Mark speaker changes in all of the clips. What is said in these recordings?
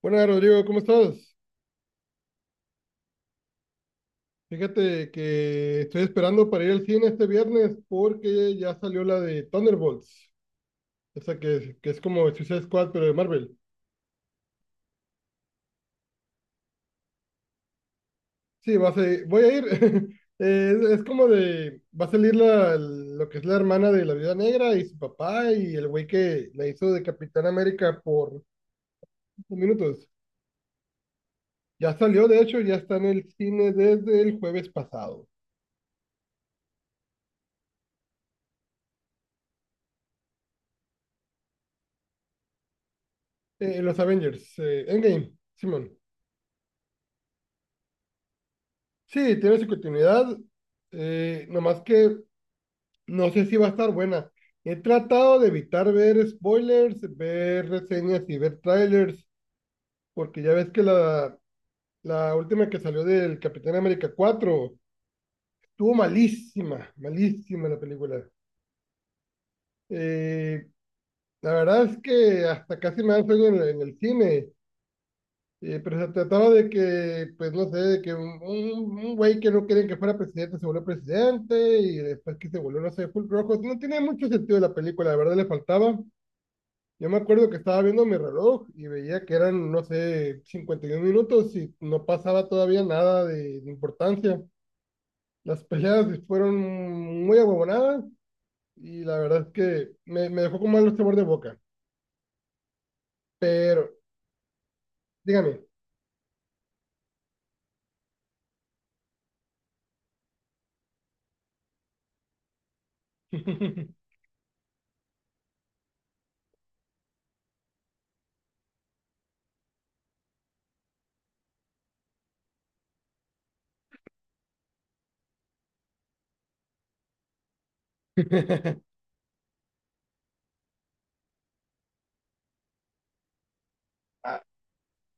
Speaker 1: Hola Rodrigo, ¿cómo estás? Fíjate que estoy esperando para ir al cine este viernes porque ya salió la de Thunderbolts, esa que es como Suicide Squad pero de Marvel. Sí, voy a ir. Es como de, va a salir lo que es la hermana de la Viuda Negra y su papá y el güey que la hizo de Capitán América por 5 minutos. Ya salió, de hecho, ya está en el cine desde el jueves pasado. Los Avengers, Endgame, Simón. Sí, tiene su continuidad, nomás que no sé si va a estar buena. He tratado de evitar ver spoilers, ver reseñas y ver trailers, porque ya ves que la última que salió del Capitán América 4 estuvo malísima, malísima la película. Eh, la verdad es que hasta casi me da sueño en, el cine. Pero se trataba de que, pues no sé, de que un güey que no querían que fuera presidente se volvió presidente y después que se volvió, no sé, full rojo. No tiene mucho sentido la película, la verdad le faltaba. Yo me acuerdo que estaba viendo mi reloj y veía que eran, no sé, 51 minutos y no pasaba todavía nada de importancia. Las peleas fueron muy aguabonadas y la verdad es que me dejó con mal sabor de boca. Pero, dígame.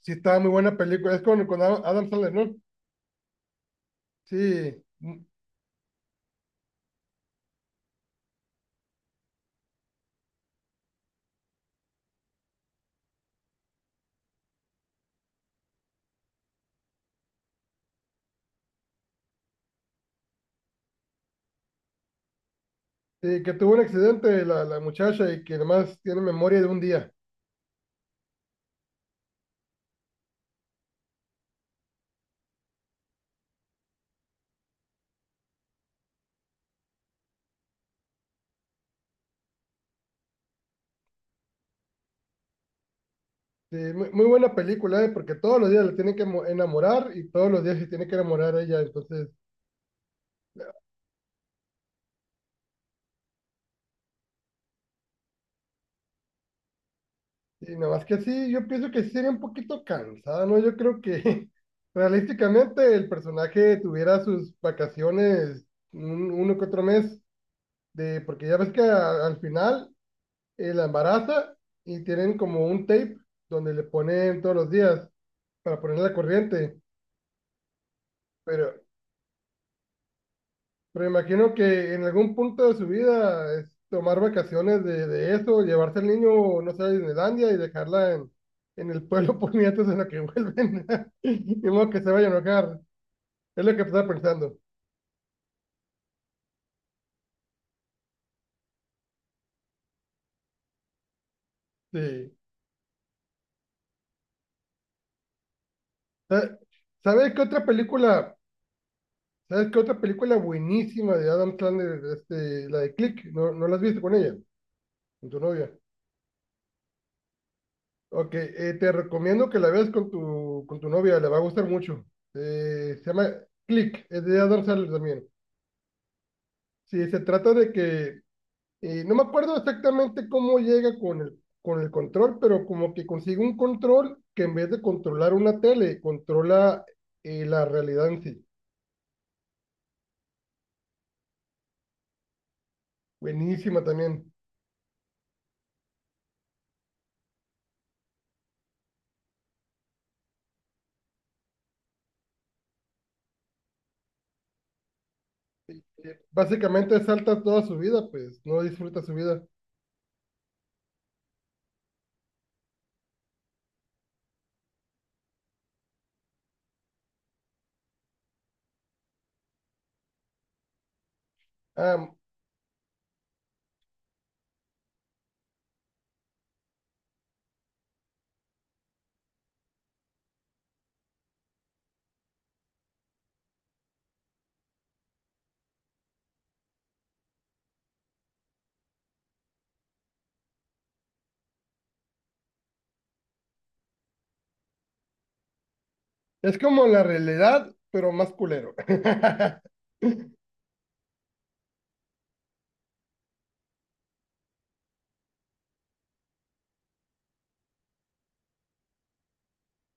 Speaker 1: Sí, estaba muy buena película. Es con Adam Sandler, ¿no? Sí. mm, sí, que tuvo un accidente la muchacha y que además tiene memoria de un día. Sí, muy, muy buena película, ¿eh? Porque todos los días le tienen que enamorar y todos los días se tiene que enamorar a ella. Entonces, sí, nada más que sí, yo pienso que sí sería un poquito cansada, ¿no? Yo creo que realísticamente el personaje tuviera sus vacaciones uno que otro mes, porque ya ves que al final, la embaraza y tienen como un tape donde le ponen todos los días para ponerla la corriente. Pero, pero imagino que en algún punto de su vida es tomar vacaciones de eso, llevarse al niño, no sé, a Disneylandia y dejarla en el pueblo por nietos en la que vuelven. De modo que se vayan a enojar. Es lo que estaba pensando. Sí. Sa- ¿Sabes qué otra película? ¿Sabes qué otra película buenísima de Adam Sandler, este, la de Click? ¿No, no la has visto con ella, con tu novia? Ok, te recomiendo que la veas con tu novia, le va a gustar mucho. Se llama Click, es de Adam Sandler también. Sí, se trata de que, no me acuerdo exactamente cómo llega con el control, pero como que consigue un control que en vez de controlar una tele, controla, la realidad en sí. Buenísima también. Eh, Básicamente salta toda su vida, pues, no disfruta su vida. Ah, es como la realidad, pero más culero.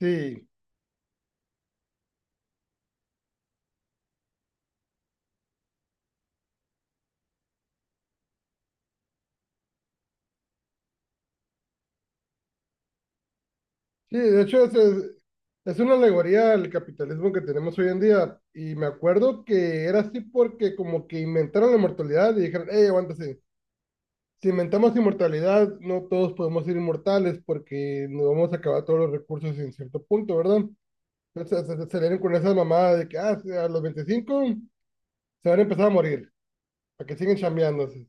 Speaker 1: Sí. Sí, de hecho es una alegoría al capitalismo que tenemos hoy en día. Y me acuerdo que era así porque como que inventaron la inmortalidad y dijeron, hey, aguántese, si inventamos inmortalidad, no todos podemos ser inmortales porque nos vamos a acabar todos los recursos en cierto punto, ¿verdad? Entonces se dieron con esa mamada de que ah, sí, a los 25 se van a empezar a morir, para que siguen chambeándose.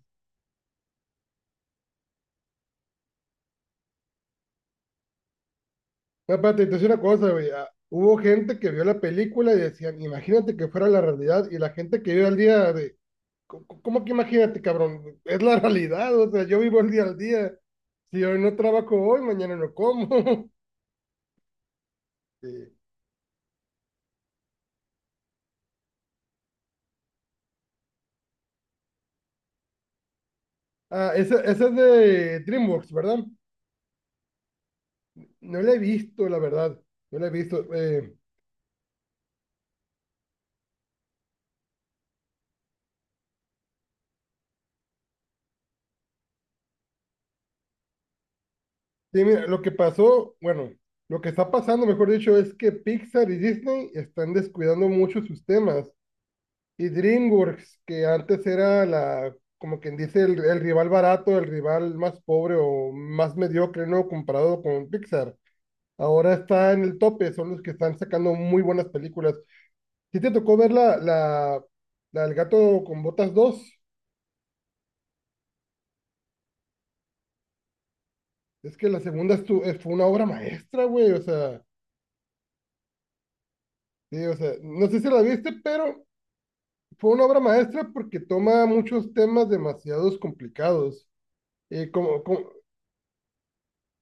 Speaker 1: No, espérate, te una cosa, güey. Hubo gente que vio la película y decían, imagínate que fuera la realidad y la gente que vive al día de... ¿Cómo que imagínate, cabrón? Es la realidad, o sea, yo vivo el día al día. Si hoy no trabajo hoy, mañana no como. Sí. Ah, esa es de DreamWorks, ¿verdad? No la he visto, la verdad. No la he visto. Sí, mira, lo que pasó, bueno, lo que está pasando, mejor dicho, es que Pixar y Disney están descuidando mucho sus temas. Y DreamWorks, que antes era la, como quien dice, el rival barato, el rival más pobre o más mediocre, ¿no? Comparado con Pixar. Ahora está en el tope, son los que están sacando muy buenas películas. ¿Sí te tocó ver la, la, la El gato con botas dos? Es que la segunda fue una obra maestra, güey, o sea, sí, o sea, no sé si la viste, pero fue una obra maestra porque toma muchos temas demasiados complicados. Como,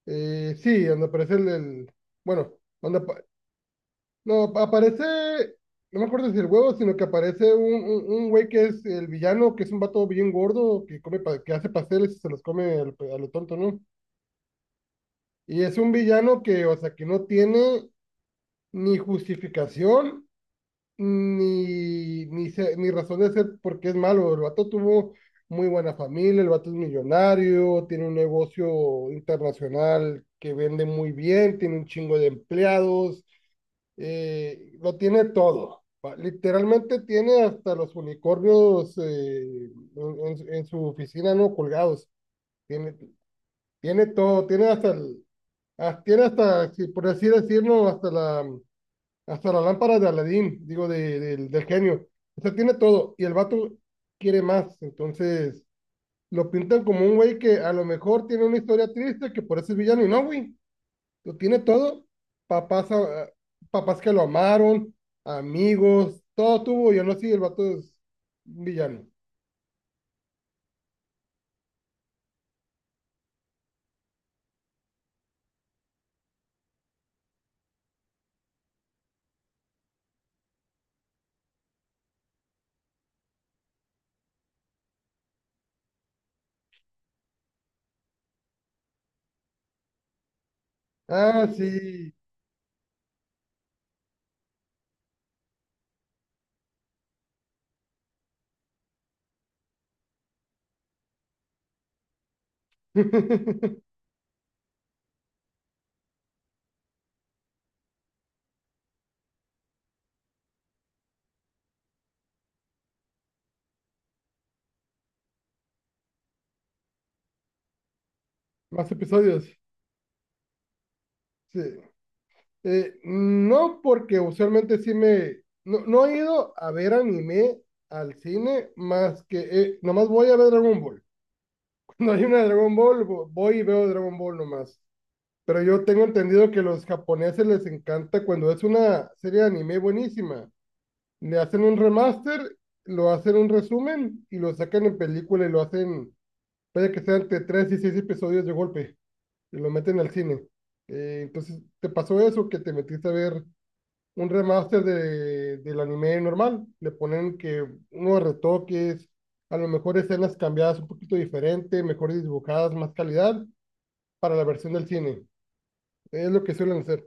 Speaker 1: sí, donde aparece el, bueno, donde, no, aparece, no me acuerdo si el huevo, sino que aparece un güey que es el villano, que es un vato bien gordo, que come, que hace pasteles y se los come a lo tonto, ¿no? Y es un villano que, o sea, que no tiene ni justificación, ni razón de ser porque es malo. El vato tuvo muy buena familia, el vato es millonario, tiene un negocio internacional que vende muy bien, tiene un chingo de empleados, lo tiene todo. Literalmente tiene hasta los unicornios, en, en su oficina, ¿no? Colgados. Tiene, tiene todo, tiene hasta el, ah, tiene hasta, si por así decirlo, hasta la lámpara de Aladín, digo, del genio. O sea, tiene todo. Y el vato quiere más. Entonces, lo pintan como un güey que a lo mejor tiene una historia triste, que por eso es villano. Y no, güey. Lo tiene todo. Papás, ah, papás que lo amaron, amigos, todo tuvo. Yo no sé, el vato es un villano. Ah, sí. Más episodios. Sí. No, porque usualmente sí me. No, no he ido a ver anime al cine más que. Nomás voy a ver Dragon Ball. Cuando hay una Dragon Ball, voy y veo Dragon Ball nomás. Pero yo tengo entendido que los japoneses les encanta cuando es una serie de anime buenísima. Le hacen un remaster, lo hacen un resumen y lo sacan en película y lo hacen, vaya que sean entre 3 y 6 episodios de golpe y lo meten al cine. Entonces, ¿te pasó eso que te metiste a ver un remaster del anime normal? Le ponen que unos retoques, a lo mejor escenas cambiadas un poquito diferente, mejor dibujadas, más calidad para la versión del cine. Es lo que suelen hacer.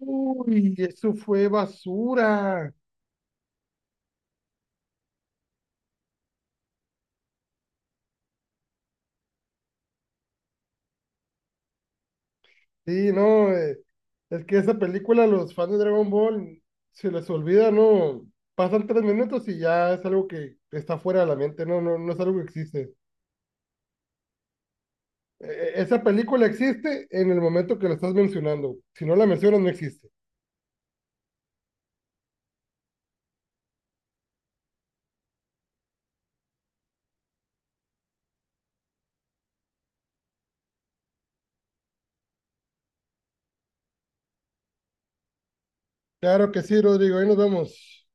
Speaker 1: Uy, eso fue basura. Sí, no, es que esa película, los fans de Dragon Ball, se les olvida, ¿no? Pasan 3 minutos y ya es algo que está fuera de la mente, no, no, no es algo que existe. Esa película existe en el momento que la estás mencionando. Si no la mencionas, no existe. Claro que sí, Rodrigo, ahí nos vemos.